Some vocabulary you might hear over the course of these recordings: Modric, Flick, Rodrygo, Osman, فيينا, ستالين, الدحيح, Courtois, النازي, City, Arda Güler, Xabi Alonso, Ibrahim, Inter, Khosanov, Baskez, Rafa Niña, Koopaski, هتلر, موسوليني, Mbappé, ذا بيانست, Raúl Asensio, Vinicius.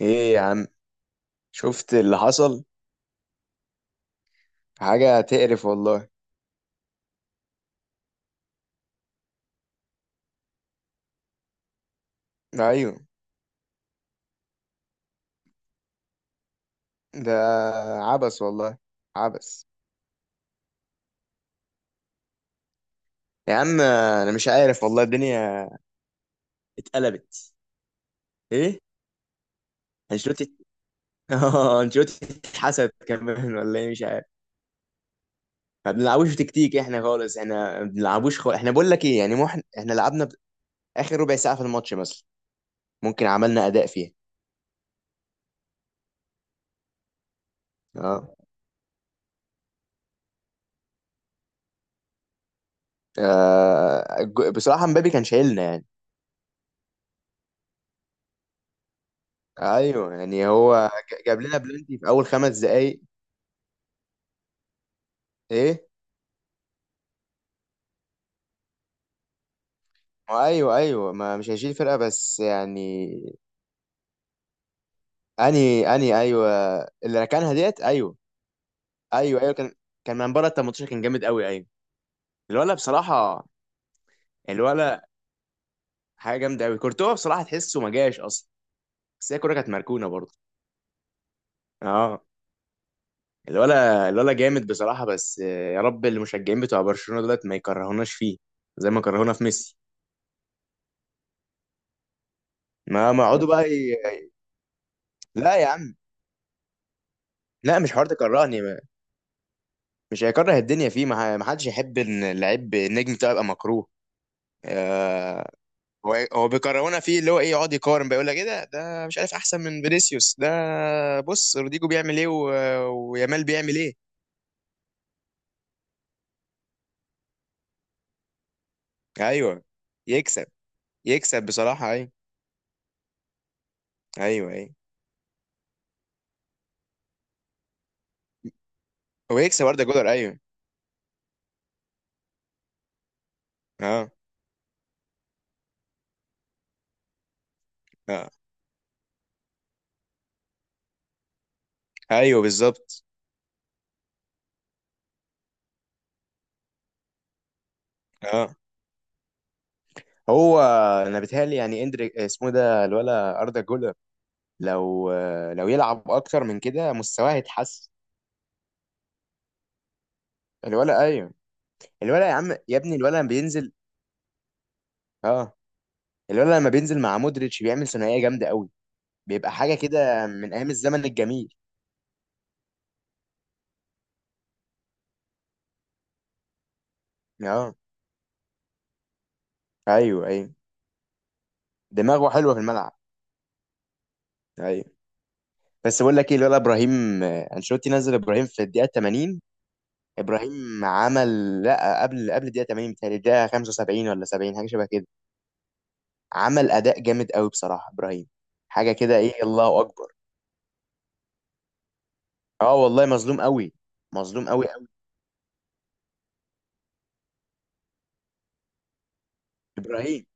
ايه يا عم. شفت اللي حصل؟ حاجة تقرف والله. ايوه. ده عبس والله. عبس. يا عم انا مش عارف والله، الدنيا اتقلبت. ايه. انشيلوتي اه، انشيلوتي اتحسد كمان ولا ايه؟ مش عارف. ما بنلعبوش تكتيك احنا خالص، احنا ما بنلعبوش خالص، احنا بقول لك ايه يعني، مو احنا لعبنا اخر ربع ساعة في الماتش مثلا، ممكن عملنا اداء فيها. اه. بصراحة مبابي كان شايلنا يعني. ايوه يعني هو جاب لنا بلنتي في اول خمس دقايق. ايه. ما ايوه ايوه، ما مش هيشيل فرقه بس يعني. اني ايوه. اللي ركنها ديت، ايوه. ايوه ايوه، كان. كان من بره ال 18 كان جامد قوي، ايوه. الولا بصراحه. الولا حاجه جامده قوي، كورتوا بصراحه تحسه ما جاش اصلا. بس هي الكوره كانت مركونه برضه. اه. الولا جامد بصراحه، بس يا رب المشجعين بتوع برشلونه دولت ما يكرهوناش فيه، زي ما كرهونا في ميسي. ما يقعدوا بقى لا يا عم. لا مش حوار تكرهني. مش هيكره الدنيا فيه، ما حدش يحب ان اللعيب النجم بتاعه يبقى مكروه. آه، هو بيكرهونا فيه، اللي هو ايه، يقعد يقارن بقى، يقول لك ايه ده مش عارف احسن من فينيسيوس ده. بص روديجو بيعمل ايه ويامال بيعمل ايه. ايوه. يكسب. يكسب بصراحه، ايوه. ايوه ايوه. هو يكسب اردا جولر، ايوه. اه. اه ايوه بالظبط. اه. هو. انا بيتهيألي يعني اندريك اسمه ده الولا اردا جولر. لو لو يلعب اكتر من كده مستواه هيتحسن. الولا، ايوه. الولد يا عم، يا ابني الولد لما بينزل. اه. الولد لما بينزل مع مودريتش بيعمل ثنائيه جامده قوي. بيبقى حاجه كده من ايام الزمن الجميل. اه ايوه ايوه. دماغه حلوه في الملعب. ايوه. بس بقول لك ايه، الولد ابراهيم، انشيلوتي نزل ابراهيم في الدقيقه 80. ابراهيم عمل، لا قبل الدقيقه 80، بتهيألي الدقيقه 75 ولا 70، حاجه شبه كده. عمل اداء جامد قوي بصراحه ابراهيم. حاجه كده ايه، الله اكبر. اه والله مظلوم قوي. مظلوم قوي قوي. ابراهيم.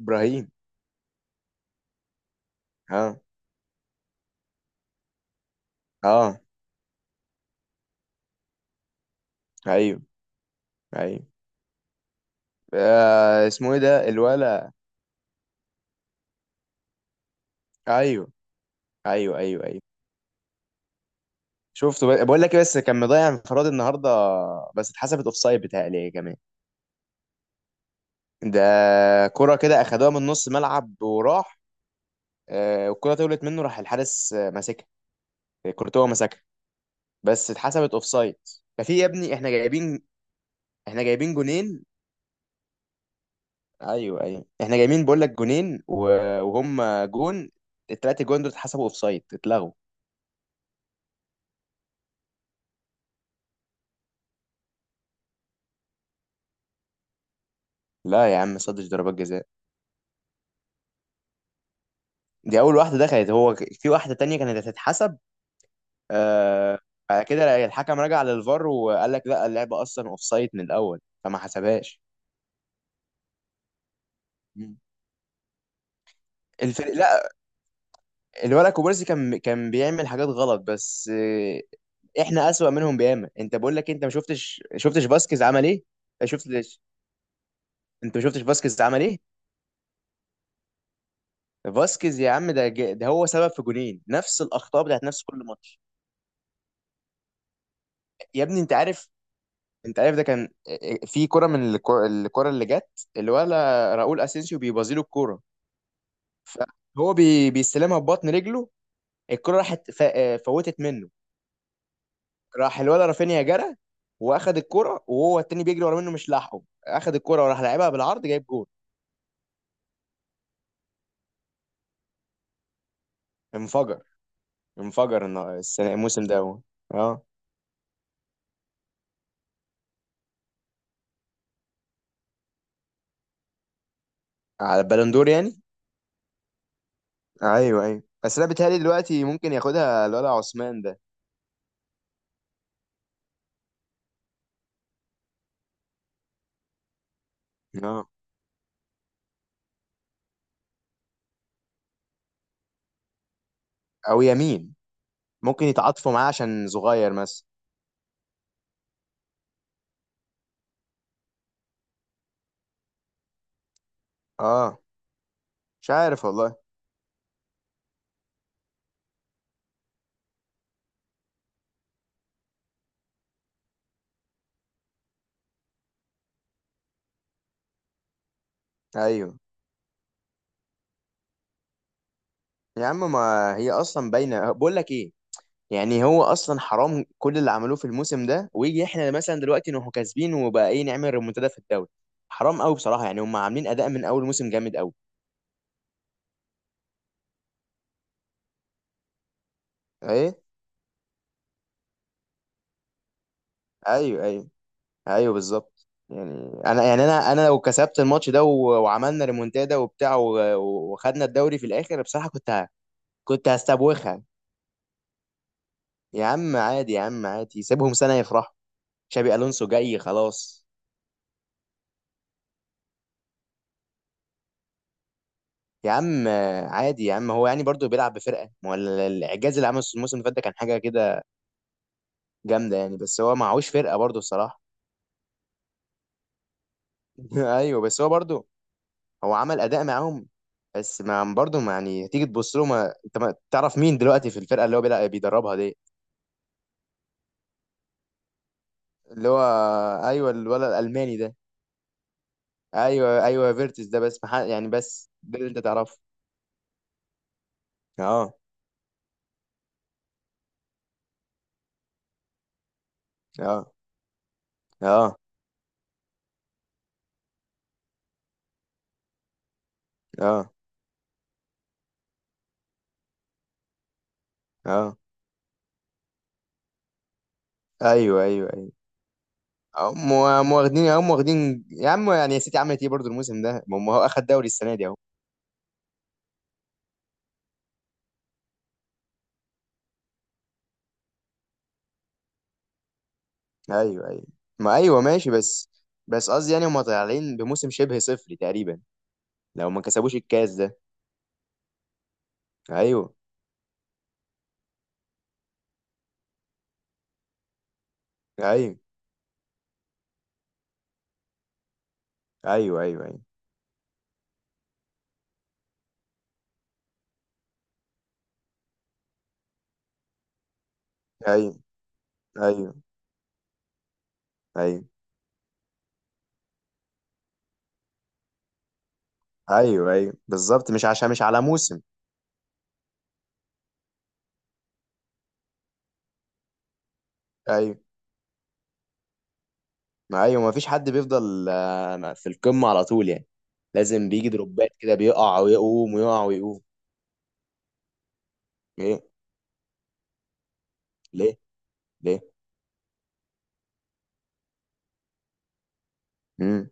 ابراهيم. اه اه ايوه ايوه. آه، اسمه ايه ده الولا؟ ايوه ايوه ايوه ايوه. بقول لك إيه، بس كان مضيع انفراد النهارده. بس اتحسبت اوفسايد بتهيألي كمان. ده. كرة كده اخدوها من نص ملعب وراح. آه، والكرة طولت منه راح الحارس ماسكها. كورتوا ماسكها. بس اتحسبت اوفسايد. ففي يا ابني، احنا جايبين جونين. ايوه ايوه، احنا جايبين بقول لك جونين وهم جون. التلاتة جون دول اتحسبوا اوفسايد، اتلغوا. لا يا عم، صدش ضربات جزاء. دي اول واحده دخلت، هو في واحده تانية كانت هتتحسب. آه. بعد كده الحكم رجع للفار وقال لك لا، اللعبه اصلا اوف سايد من الاول فما حسبهاش. مم. الفريق، لا. الولد كوبارسي كان بيعمل حاجات غلط، بس احنا اسوأ منهم بياما. انت بقول لك، انت ما شفتش باسكيز عمل ايه. شفتش. انت ما شفتش باسكيز عمل ايه. باسكيز يا عم، ده هو سبب في جونين، نفس الاخطاء بتاعت نفس كل ماتش. يا ابني انت عارف ده كان في كرة من الكرة اللي جت، الولا راؤول اسينسيو بيبازيله الكرة، فهو بيستلمها ببطن رجله. الكرة راحت فوتت منه. راح الولا رافينيا جرى، واخد الكرة وهو التاني بيجري ورا منه مش لاحقه. اخد الكرة وراح لعبها بالعرض جايب جول. انفجر. انفجر الموسم ده هو. اه. على البالندور يعني. ايوه ايوه، بس انا بيتهيألي دلوقتي ممكن ياخدها الولا عثمان ده. اه او يمين. ممكن يتعاطفوا معاه عشان صغير مثلا. اه مش عارف والله. ايوه يا عم، ما هي اصلا باينه بقول لك ايه. يعني هو اصلا حرام كل اللي عملوه في الموسم ده، ويجي احنا مثلا دلوقتي نروح كاسبين وبقى ايه نعمل ريمونتادا في الدوري. حرام قوي بصراحه، يعني هم عاملين اداء من اول موسم جامد قوي. ايه. ايوه ايوه ايوه بالظبط يعني. انا يعني انا لو كسبت الماتش ده وعملنا ريمونتادا وبتاع وخدنا الدوري في الاخر بصراحه كنت هستبوخها. يا عم عادي، يا عم عادي، سيبهم سنه يفرحوا. شابي الونسو جاي خلاص. يا عم عادي يا عم، هو يعني برضه بيلعب بفرقه. ما هو الاعجاز اللي عمله الموسم اللي فات ده كان حاجه كده جامده يعني، بس هو معهوش فرقه برضه الصراحه. ايوه، بس هو برضه. هو عمل اداء معاهم. بس ما برضه ما يعني تيجي تبص له، ما انت ما تعرف مين دلوقتي في الفرقه اللي هو بيلعب بيدربها دي. اللي هو. ايوه الولد الالماني ده. ايوه ايوه فيرتس ده، بس ما يعني بس ده اللي انت تعرفه. اه اه اه اه اه. ايوه ايوه أيوه. هم واخدين يا عم يعني، يا سيتي عملت ايه برضه الموسم ده، ما هم هو اخد دوري السنه دي اهو. ايوه ايوه. ما ايوه ماشي، بس قصدي يعني هم طالعين بموسم شبه صفري تقريبا. لو ما كسبوش الكاس ده. ايوه. ايوه ايوه ايوه ايوه ايوه ايوه ايوه ايوه ايوه بالظبط، مش عشان مش على موسم. ايوه. ما ايوه، ما فيش حد بيفضل في القمه على طول يعني. لازم بيجي دروبات كده، بيقع ويقوم ويقع ويقوم. ليه؟ ليه؟ ليه؟ امم.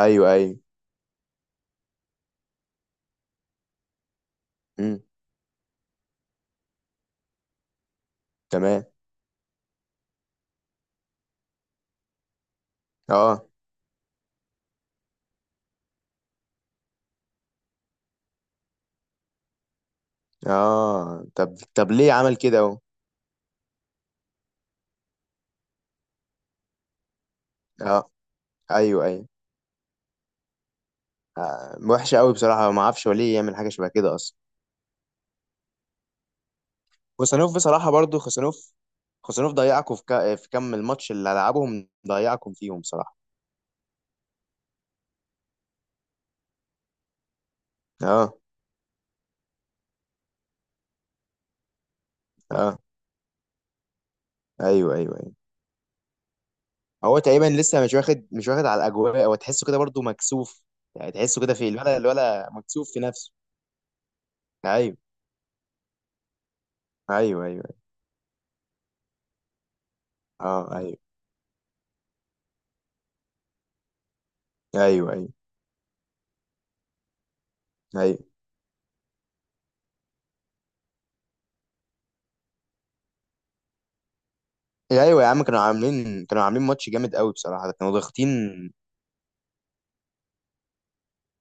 ايوه ايوه تمام. اه. اه طب ليه عمل كده اهو. اه ايوه ايوه. آه. وحشه قوي بصراحه، ما اعرفش هو ليه يعمل حاجه شبه كده اصلا. خوسانوف بصراحه برضو، خوسانوف. خوسانوف ضيعكم في كم الماتش اللي لعبهم، ضيعكم فيهم بصراحه. اه اه ايوه ايوه ايوه. هو تقريبا لسه مش واخد على الاجواء، هو تحسه كده برضو مكسوف. يعني تحسه كده في الولا مكسوف في نفسه. ايوه ايوه ايوه. اه ايوه ايوه ايوه ايوه. إيه، ايوه يا عم كانوا عاملين ماتش جامد قوي بصراحه، كانوا ضاغطين.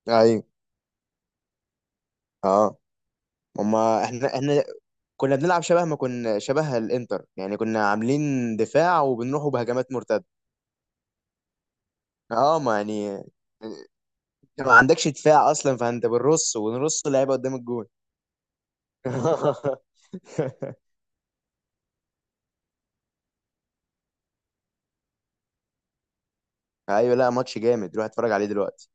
ايوه. اه. هما احنا كنا بنلعب شبه ما كنا شبه الانتر يعني، كنا عاملين دفاع وبنروحوا بهجمات مرتده. اه ما يعني. انت ما عندكش دفاع اصلا، فانت بنرص ونرص اللعيبه قدام الجون. ايوه، لا ماتش جامد روح اتفرج عليه دلوقتي.